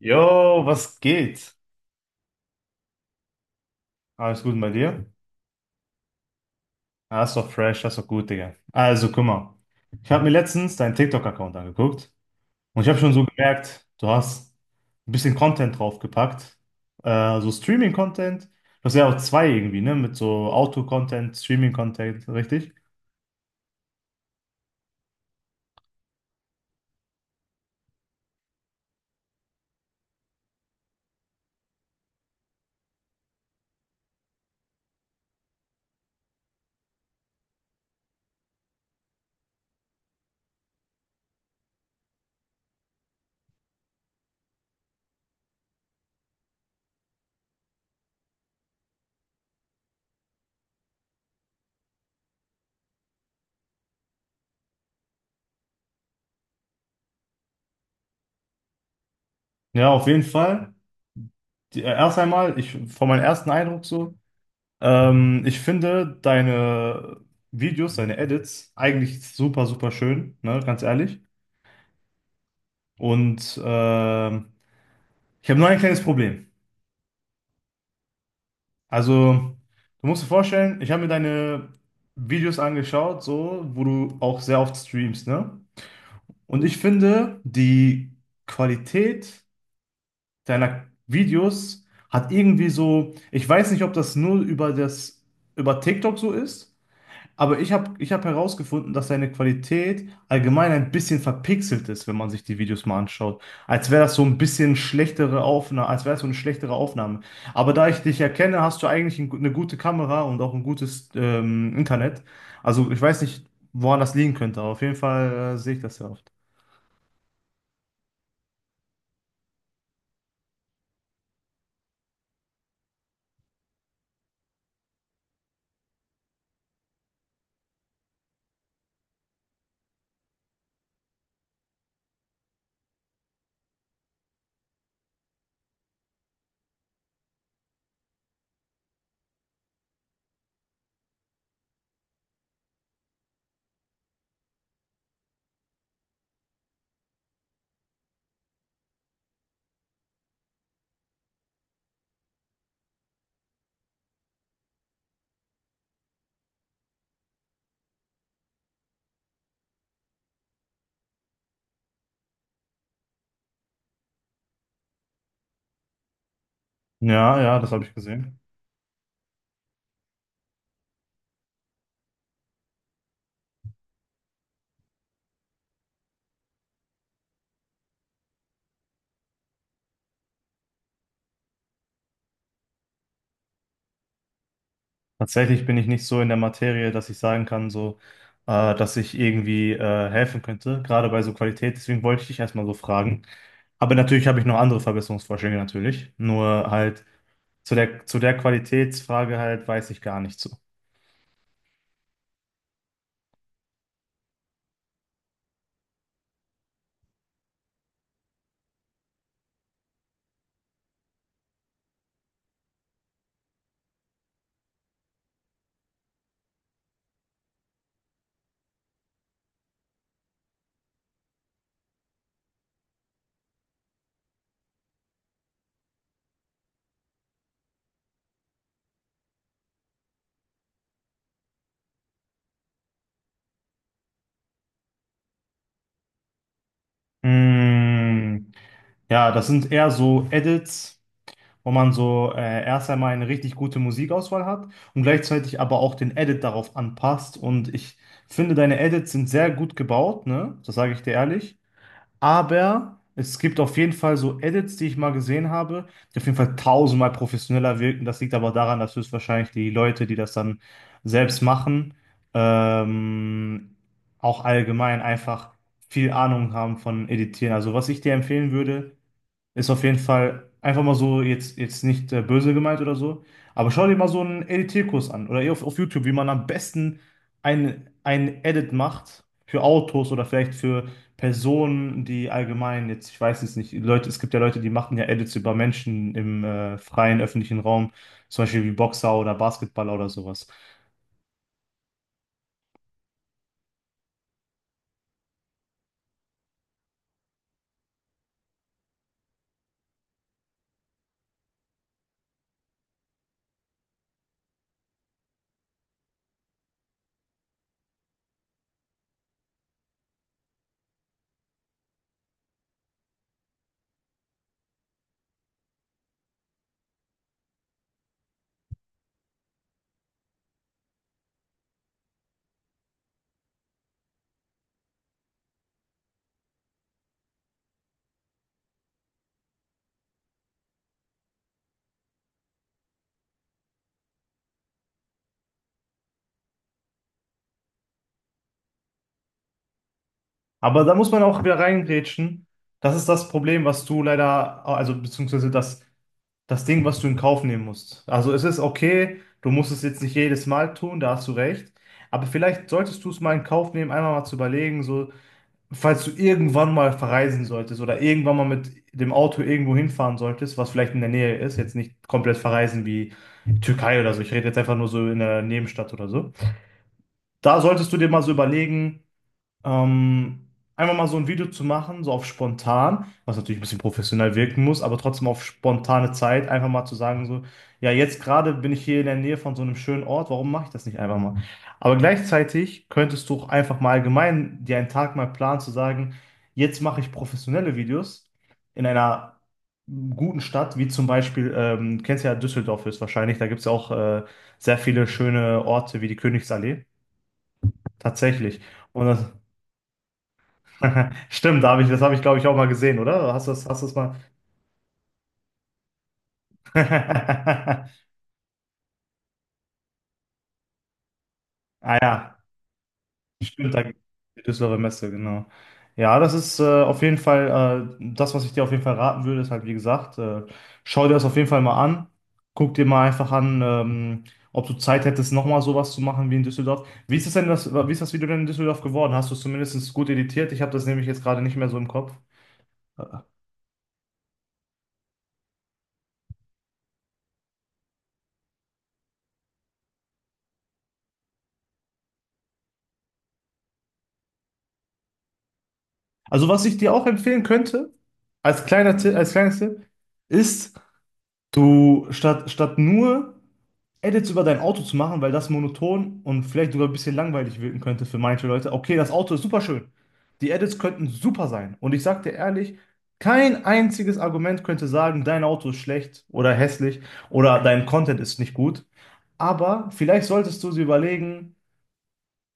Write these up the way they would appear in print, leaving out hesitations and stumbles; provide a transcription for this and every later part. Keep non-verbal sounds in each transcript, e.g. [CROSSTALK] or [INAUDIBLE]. Jo, was geht? Alles gut bei dir? Ah, ist doch fresh, das ist doch gut, Digga. Also, guck mal. Ich habe mir letztens deinen TikTok-Account angeguckt und ich habe schon so gemerkt, du hast ein bisschen Content draufgepackt. So Streaming-Content. Du hast ja auch zwei irgendwie, ne? Mit so Auto-Content, Streaming-Content, richtig? Ja, auf jeden Fall. Erst einmal, ich, von meinem ersten Eindruck so, ich finde deine Videos, deine Edits eigentlich super, super schön, ne? Ganz ehrlich. Und ich habe nur ein kleines Problem. Also, du musst dir vorstellen, ich habe mir deine Videos angeschaut, so, wo du auch sehr oft streamst, ne? Und ich finde, die Qualität deiner Videos hat irgendwie so, ich weiß nicht, ob das nur über TikTok so ist. Aber ich hab herausgefunden, dass seine Qualität allgemein ein bisschen verpixelt ist, wenn man sich die Videos mal anschaut. Als wäre das so ein bisschen schlechtere Aufnahme, als wäre es so eine schlechtere Aufnahme. Aber da ich dich erkenne, hast du eigentlich eine gute Kamera und auch ein gutes Internet. Also ich weiß nicht, woran das liegen könnte, aber auf jeden Fall sehe ich das ja oft. Ja, ja, das habe ich gesehen. Tatsächlich bin ich nicht so in der Materie, dass ich sagen kann, so, dass ich irgendwie helfen könnte, gerade bei so Qualität. Deswegen wollte ich dich erstmal so fragen. Aber natürlich habe ich noch andere Verbesserungsvorschläge natürlich. Nur halt zu der Qualitätsfrage halt weiß ich gar nicht so. Mm, ja, das sind eher so Edits, wo man so erst einmal eine richtig gute Musikauswahl hat und gleichzeitig aber auch den Edit darauf anpasst. Und ich finde, deine Edits sind sehr gut gebaut, ne? Das sage ich dir ehrlich. Aber es gibt auf jeden Fall so Edits, die ich mal gesehen habe, die auf jeden Fall tausendmal professioneller wirken. Das liegt aber daran, dass höchstwahrscheinlich die Leute, die das dann selbst machen, ähm, auch allgemein einfach viel Ahnung haben von Editieren. Also was ich dir empfehlen würde, ist auf jeden Fall einfach mal so jetzt nicht böse gemeint oder so. Aber schau dir mal so einen Editierkurs an oder eher auf YouTube, wie man am besten ein Edit macht für Autos oder vielleicht für Personen, die allgemein jetzt, ich weiß es nicht, Leute, es gibt ja Leute, die machen ja Edits über Menschen im freien öffentlichen Raum, zum Beispiel wie Boxer oder Basketballer oder sowas. Aber da muss man auch wieder reingrätschen. Das ist das Problem, was du leider, also beziehungsweise das Ding, was du in Kauf nehmen musst. Also es ist okay, du musst es jetzt nicht jedes Mal tun, da hast du recht. Aber vielleicht solltest du es mal in Kauf nehmen, einmal mal zu überlegen, so, falls du irgendwann mal verreisen solltest oder irgendwann mal mit dem Auto irgendwo hinfahren solltest, was vielleicht in der Nähe ist, jetzt nicht komplett verreisen wie Türkei oder so. Ich rede jetzt einfach nur so in der Nebenstadt oder so. Da solltest du dir mal so überlegen, ähm, einfach mal so ein Video zu machen, so auf spontan, was natürlich ein bisschen professionell wirken muss, aber trotzdem auf spontane Zeit, einfach mal zu sagen, so, ja, jetzt gerade bin ich hier in der Nähe von so einem schönen Ort, warum mache ich das nicht einfach mal? Aber gleichzeitig könntest du auch einfach mal allgemein dir einen Tag mal planen, zu sagen, jetzt mache ich professionelle Videos in einer guten Stadt, wie zum Beispiel, kennst ja Düsseldorf ist wahrscheinlich, da gibt es ja auch sehr viele schöne Orte wie die Königsallee. Tatsächlich. Und das, [LAUGHS] Stimmt, das habe ich, glaube ich, auch mal gesehen, oder? Hast du das mal? [LAUGHS] Ah ja, stimmt, da gibt die Düsseldorfer Messe, genau. Ja, das ist auf jeden Fall, das, was ich dir auf jeden Fall raten würde, ist halt, wie gesagt, schau dir das auf jeden Fall mal an. Guck dir mal einfach an, ob du Zeit hättest, nochmal sowas zu machen wie in Düsseldorf. Wie ist das Video denn in Düsseldorf geworden? Hast du es zumindest gut editiert? Ich habe das nämlich jetzt gerade nicht mehr so im Kopf. Äh, Also, was ich dir auch empfehlen könnte, als kleiner Tipp, als kleines Tipp, ist du, statt nur Edits über dein Auto zu machen, weil das monoton und vielleicht sogar ein bisschen langweilig wirken könnte für manche Leute. Okay, das Auto ist super schön. Die Edits könnten super sein. Und ich sag dir ehrlich, kein einziges Argument könnte sagen, dein Auto ist schlecht oder hässlich oder dein Content ist nicht gut. Aber vielleicht solltest du sie überlegen,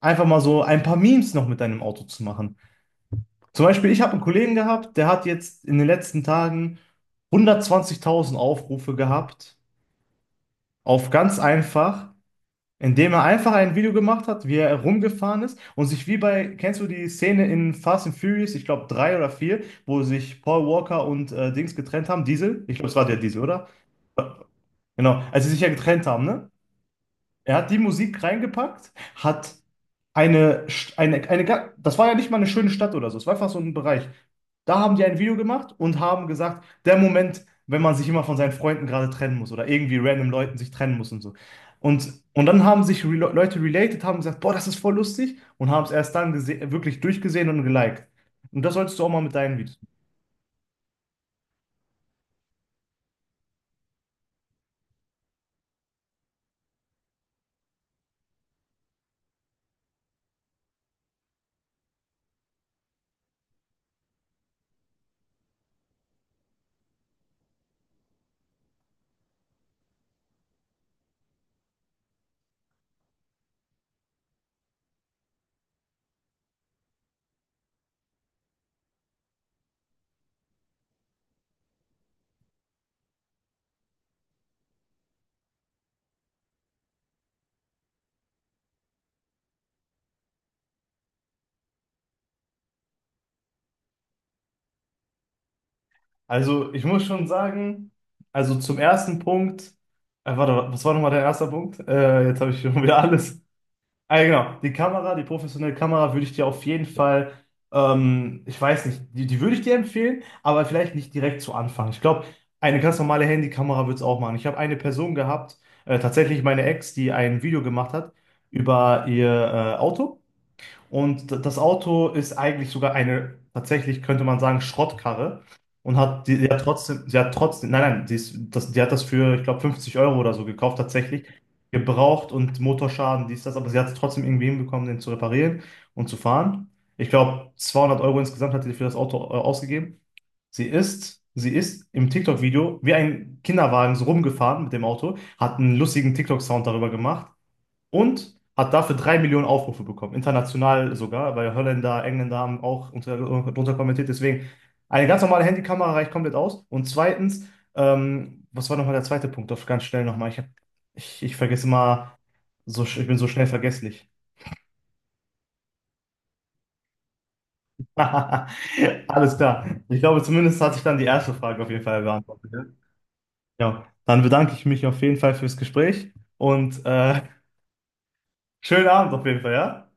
einfach mal so ein paar Memes noch mit deinem Auto zu machen. Zum Beispiel, ich habe einen Kollegen gehabt, der hat jetzt in den letzten Tagen 120.000 Aufrufe gehabt auf ganz einfach, indem er einfach ein Video gemacht hat, wie er rumgefahren ist und sich wie bei, kennst du die Szene in Fast and Furious, ich glaube drei oder vier, wo sich Paul Walker und Dings getrennt haben, Diesel? Ich glaube, es war der Diesel, oder? Genau, als sie sich ja getrennt haben, ne? Er hat die Musik reingepackt, hat eine, St- eine, ga- das war ja nicht mal eine schöne Stadt oder so, es war einfach so ein Bereich. Da haben die ein Video gemacht und haben gesagt, der Moment, wenn man sich immer von seinen Freunden gerade trennen muss oder irgendwie random Leuten sich trennen muss und so. Und dann haben sich Leute related, haben gesagt, boah, das ist voll lustig und haben es erst dann wirklich durchgesehen und geliked. Und das solltest du auch mal mit deinen Videos machen. Also ich muss schon sagen, also zum ersten Punkt, warte, was war nochmal der erste Punkt? Jetzt habe ich schon wieder alles. Ah, ja, genau. Die Kamera, die professionelle Kamera würde ich dir auf jeden Fall, ich weiß nicht, die würde ich dir empfehlen, aber vielleicht nicht direkt zu Anfang. Ich glaube, eine ganz normale Handykamera würde es auch machen. Ich habe eine Person gehabt, tatsächlich meine Ex, die ein Video gemacht hat über ihr Auto. Und das Auto ist eigentlich sogar eine, tatsächlich könnte man sagen, Schrottkarre. Und hat die hat trotzdem, sie hat trotzdem, nein, nein, die, ist, das, die hat das für, ich glaube, 50 Euro oder so gekauft, tatsächlich. Gebraucht und Motorschaden, dies, das, aber sie hat es trotzdem irgendwie hinbekommen, den zu reparieren und zu fahren. Ich glaube, 200 Euro insgesamt hat sie für das Auto ausgegeben. Sie ist im TikTok-Video wie ein Kinderwagen so rumgefahren mit dem Auto, hat einen lustigen TikTok-Sound darüber gemacht und hat dafür drei Millionen Aufrufe bekommen, international sogar, weil Holländer, Engländer haben auch drunter kommentiert. Deswegen, eine ganz normale Handykamera reicht komplett aus. Und zweitens, was war nochmal der zweite Punkt? Doch ganz schnell nochmal. Ich vergesse mal, so, ich bin so schnell vergesslich. [LAUGHS] Alles klar. Ich glaube, zumindest hat sich dann die erste Frage auf jeden Fall beantwortet. Ja, ja, dann bedanke ich mich auf jeden Fall fürs Gespräch und schönen Abend auf jeden Fall, ja?